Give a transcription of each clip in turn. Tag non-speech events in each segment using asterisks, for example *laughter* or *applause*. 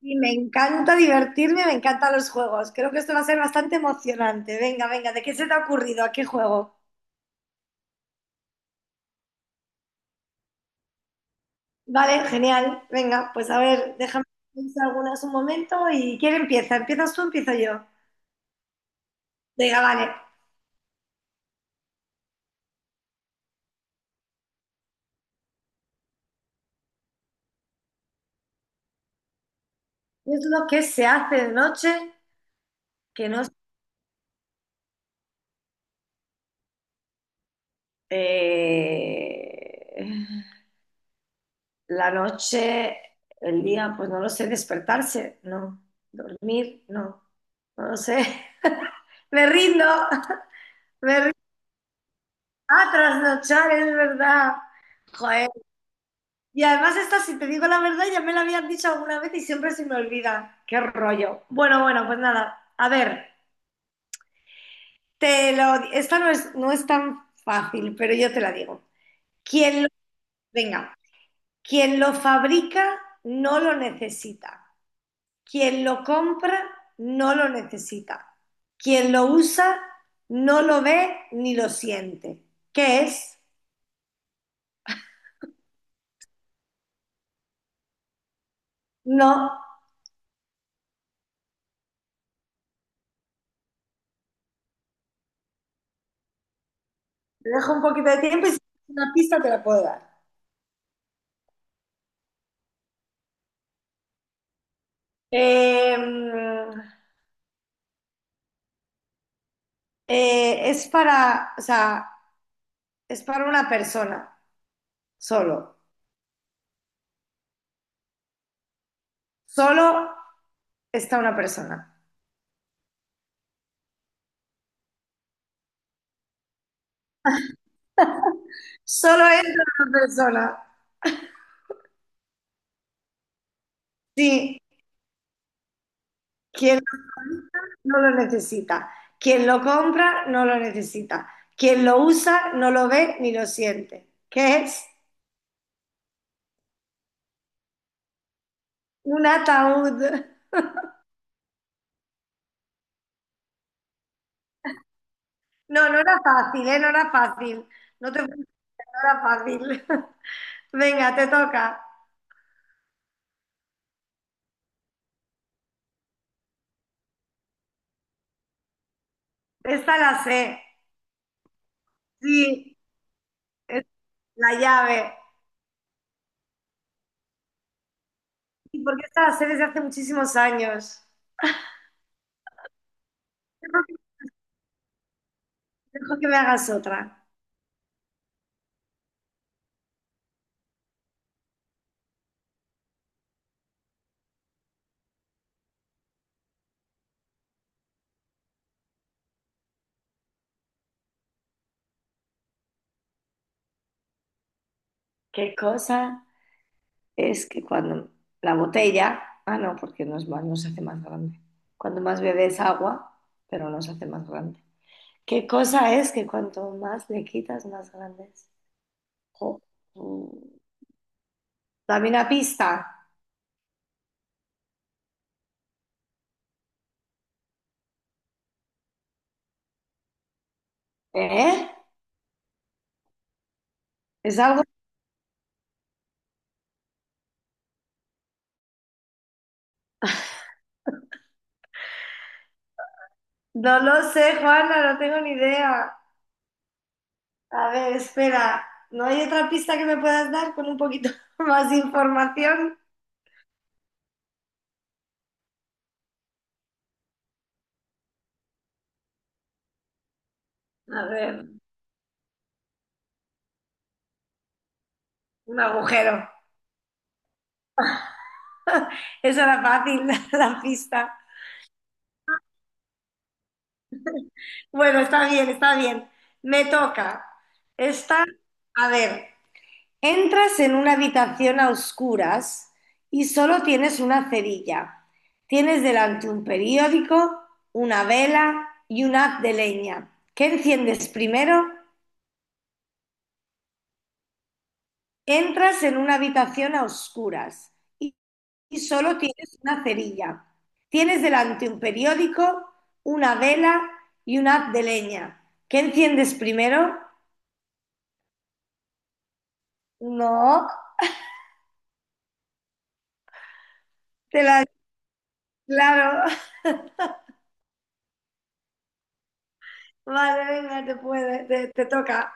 Y me encanta divertirme, me encantan los juegos. Creo que esto va a ser bastante emocionante. Venga, venga, ¿de qué se te ha ocurrido? ¿A qué juego? Vale, genial. Venga, pues a ver, déjame pensar algunas un momento. ¿Y quién empieza? ¿Empiezas tú o empiezo yo? Venga, vale. ¿Qué es lo que se hace de noche que no... se- Eh, La noche, el día, pues no lo sé, despertarse, no. Dormir, no. No lo sé. *laughs* Me rindo. Me rindo. Ah, trasnochar, es verdad. Joder. Y además esta, si te digo la verdad, ya me la habían dicho alguna vez y siempre se me olvida. Qué rollo. Bueno, bueno, pues nada. A ver, Esta no es, no es tan fácil, pero yo te la digo. Quien lo... Venga, quien lo fabrica no lo necesita. Quien lo compra no lo necesita. Quien lo usa no lo ve ni lo siente. ¿Qué es? No, te dejo un poquito de tiempo y si tienes una pista te la puedo dar. Eh, es para, o sea, es para una persona, solo. Solo está una persona. Solo entra una persona. Sí, quien lo compra no lo necesita. Quien lo compra no lo necesita. Quien lo usa no lo ve ni lo siente. ¿Qué es? Un ataúd. No, no era fácil, ¿eh? No era fácil. No te preocupes, no era fácil. *laughs* Venga, te toca. Esta la sé. Sí, es la llave. Y porque esta la sé desde hace muchísimos años. Dejo que dejo que me hagas otra. ¿Qué cosa es que cuando la botella, ah no, porque no es más, no se hace más grande. Cuando más bebes agua, pero no se hace más grande. ¿Qué cosa es que cuanto más le quitas, más grande es? Jo, mm. Dame una pista. ¿Eh? Es algo... No lo sé, Juana, no tengo ni idea. A ver, espera. ¿No hay otra pista que me puedas dar con un poquito *laughs* más de información? A ver, un agujero. Esa era fácil, *laughs* la pista. Bueno, está bien, está bien. Me toca. Esta, a ver. Entras en una habitación a oscuras y solo tienes una cerilla. Tienes delante un periódico, una vela y un haz de leña. ¿Qué enciendes primero? Entras en una habitación a oscuras y, y solo tienes una cerilla. Tienes delante un periódico, una vela y un haz de leña. ¿Qué enciendes primero? No, te la... Claro, *laughs* vale, venga, te toca.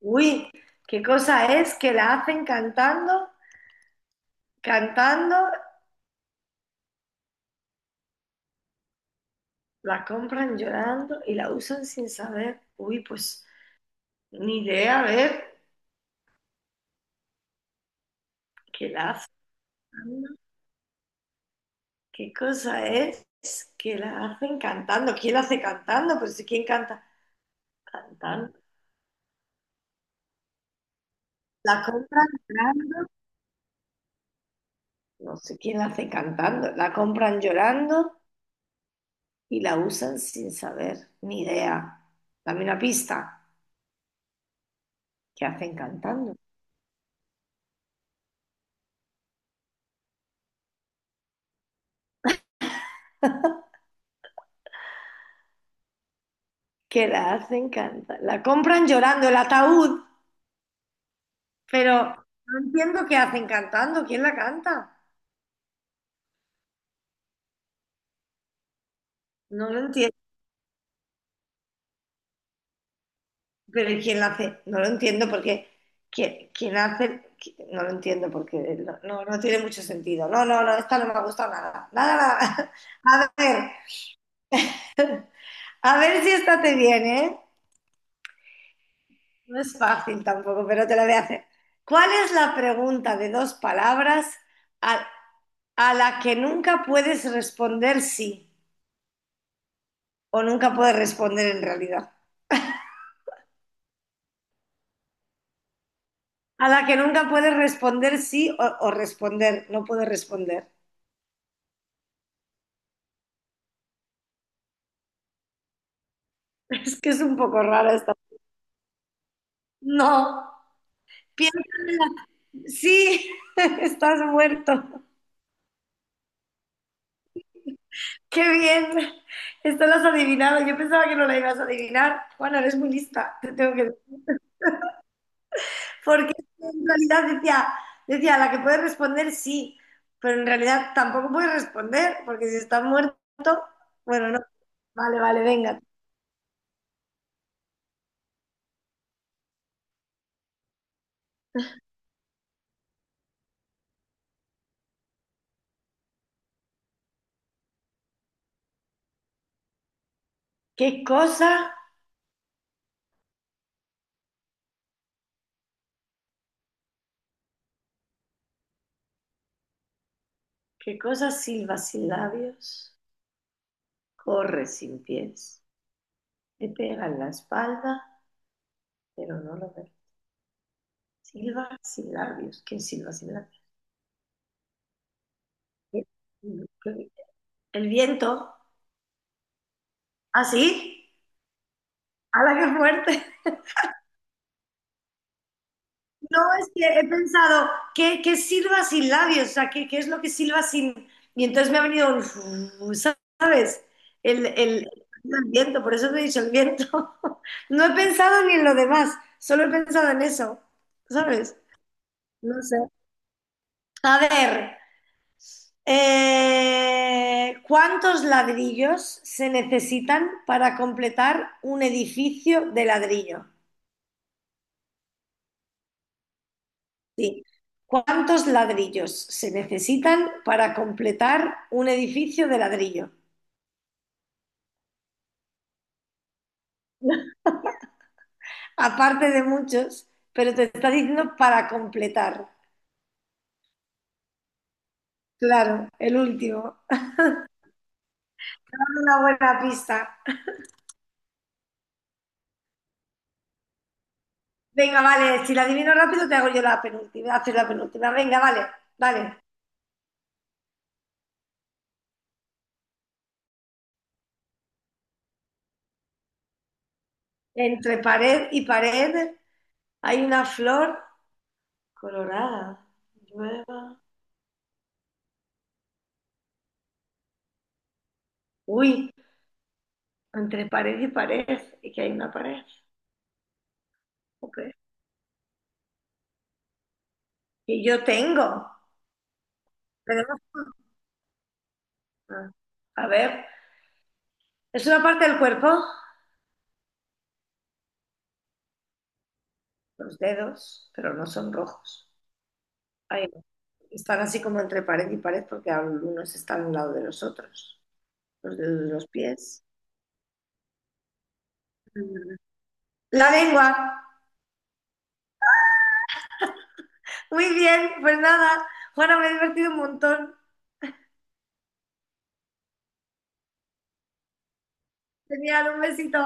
Uy, qué cosa es que la hacen cantando, la compran llorando y la usan sin saber. Uy, pues ni idea, a ver, que la hacen cantando. ¿Qué cosa es que la hacen cantando? ¿Quién la hace cantando? Pues si quién canta cantando. La compran llorando. No sé quién la hace cantando. La compran llorando y la usan sin saber. Ni idea. Dame una pista. ¿Qué hacen cantando? ¿Qué la hacen cantar? La compran llorando el ataúd, pero no entiendo qué hacen cantando. ¿Quién la canta? No lo entiendo. Pero ¿y ¿quién la hace? No lo entiendo porque ¿quién hace? No lo entiendo porque no, no, no tiene mucho sentido. No, no, no, esta no me ha gustado nada. Nada, nada. *laughs* A ver si esta te viene, ¿eh? No es fácil tampoco, pero te la voy a hacer. ¿Cuál es la pregunta de dos palabras a, a la que nunca puedes responder sí? O nunca puedes responder en realidad. A la que nunca puedes responder sí o responder, no puedes responder. *laughs* Es que es un poco rara esta. No, piensa en la... Sí, *laughs* estás muerto. Qué bien, esto lo has adivinado. Yo pensaba que no la ibas a adivinar. Juana, eres muy lista, Porque en realidad decía, decía, a la que puedes responder sí, pero en realidad tampoco puedes responder, porque si estás muerto, bueno, no. Vale, vale, venga. ¿Qué cosa ¿Qué cosa silba sin labios? Corre sin pies. Le pega en la espalda, pero no lo ve. Silba sin labios. ¿Quién silba sin labios? El viento. ¿Así? ¡Ah, la que fuerte! *laughs* No, es que he pensado, qué silba sin labios? O sea, qué es lo que silba sin...? Y entonces me ha venido, *laughs* ¿sabes? El viento, por eso te he dicho el viento. *laughs* No he pensado ni en lo demás, solo he pensado en eso, ¿sabes? No sé. A ver, ¿cuántos ladrillos se necesitan para completar un edificio de ladrillo? Sí. ¿Cuántos ladrillos se necesitan para completar un edificio de ladrillo? Aparte de muchos, pero te está diciendo para completar. Claro, el último. Te dando una buena pista. Venga, vale, si la adivino rápido te hago yo la penúltima, haces la penúltima. Venga, vale, vale. Entre pared y pared, hay una flor colorada, nueva. Uy, entre pared y pared, y que hay una pared. Ok. Y yo tengo. Tenemos- ah, A ver, es una parte del cuerpo, los dedos, pero no son rojos. Ahí no. Están así como entre pared y pared porque algunos están a un lado de los otros. Los dedos de los pies. Mm. La lengua. Muy bien, pues nada. Juana, me he divertido un montón. Genial, un besito.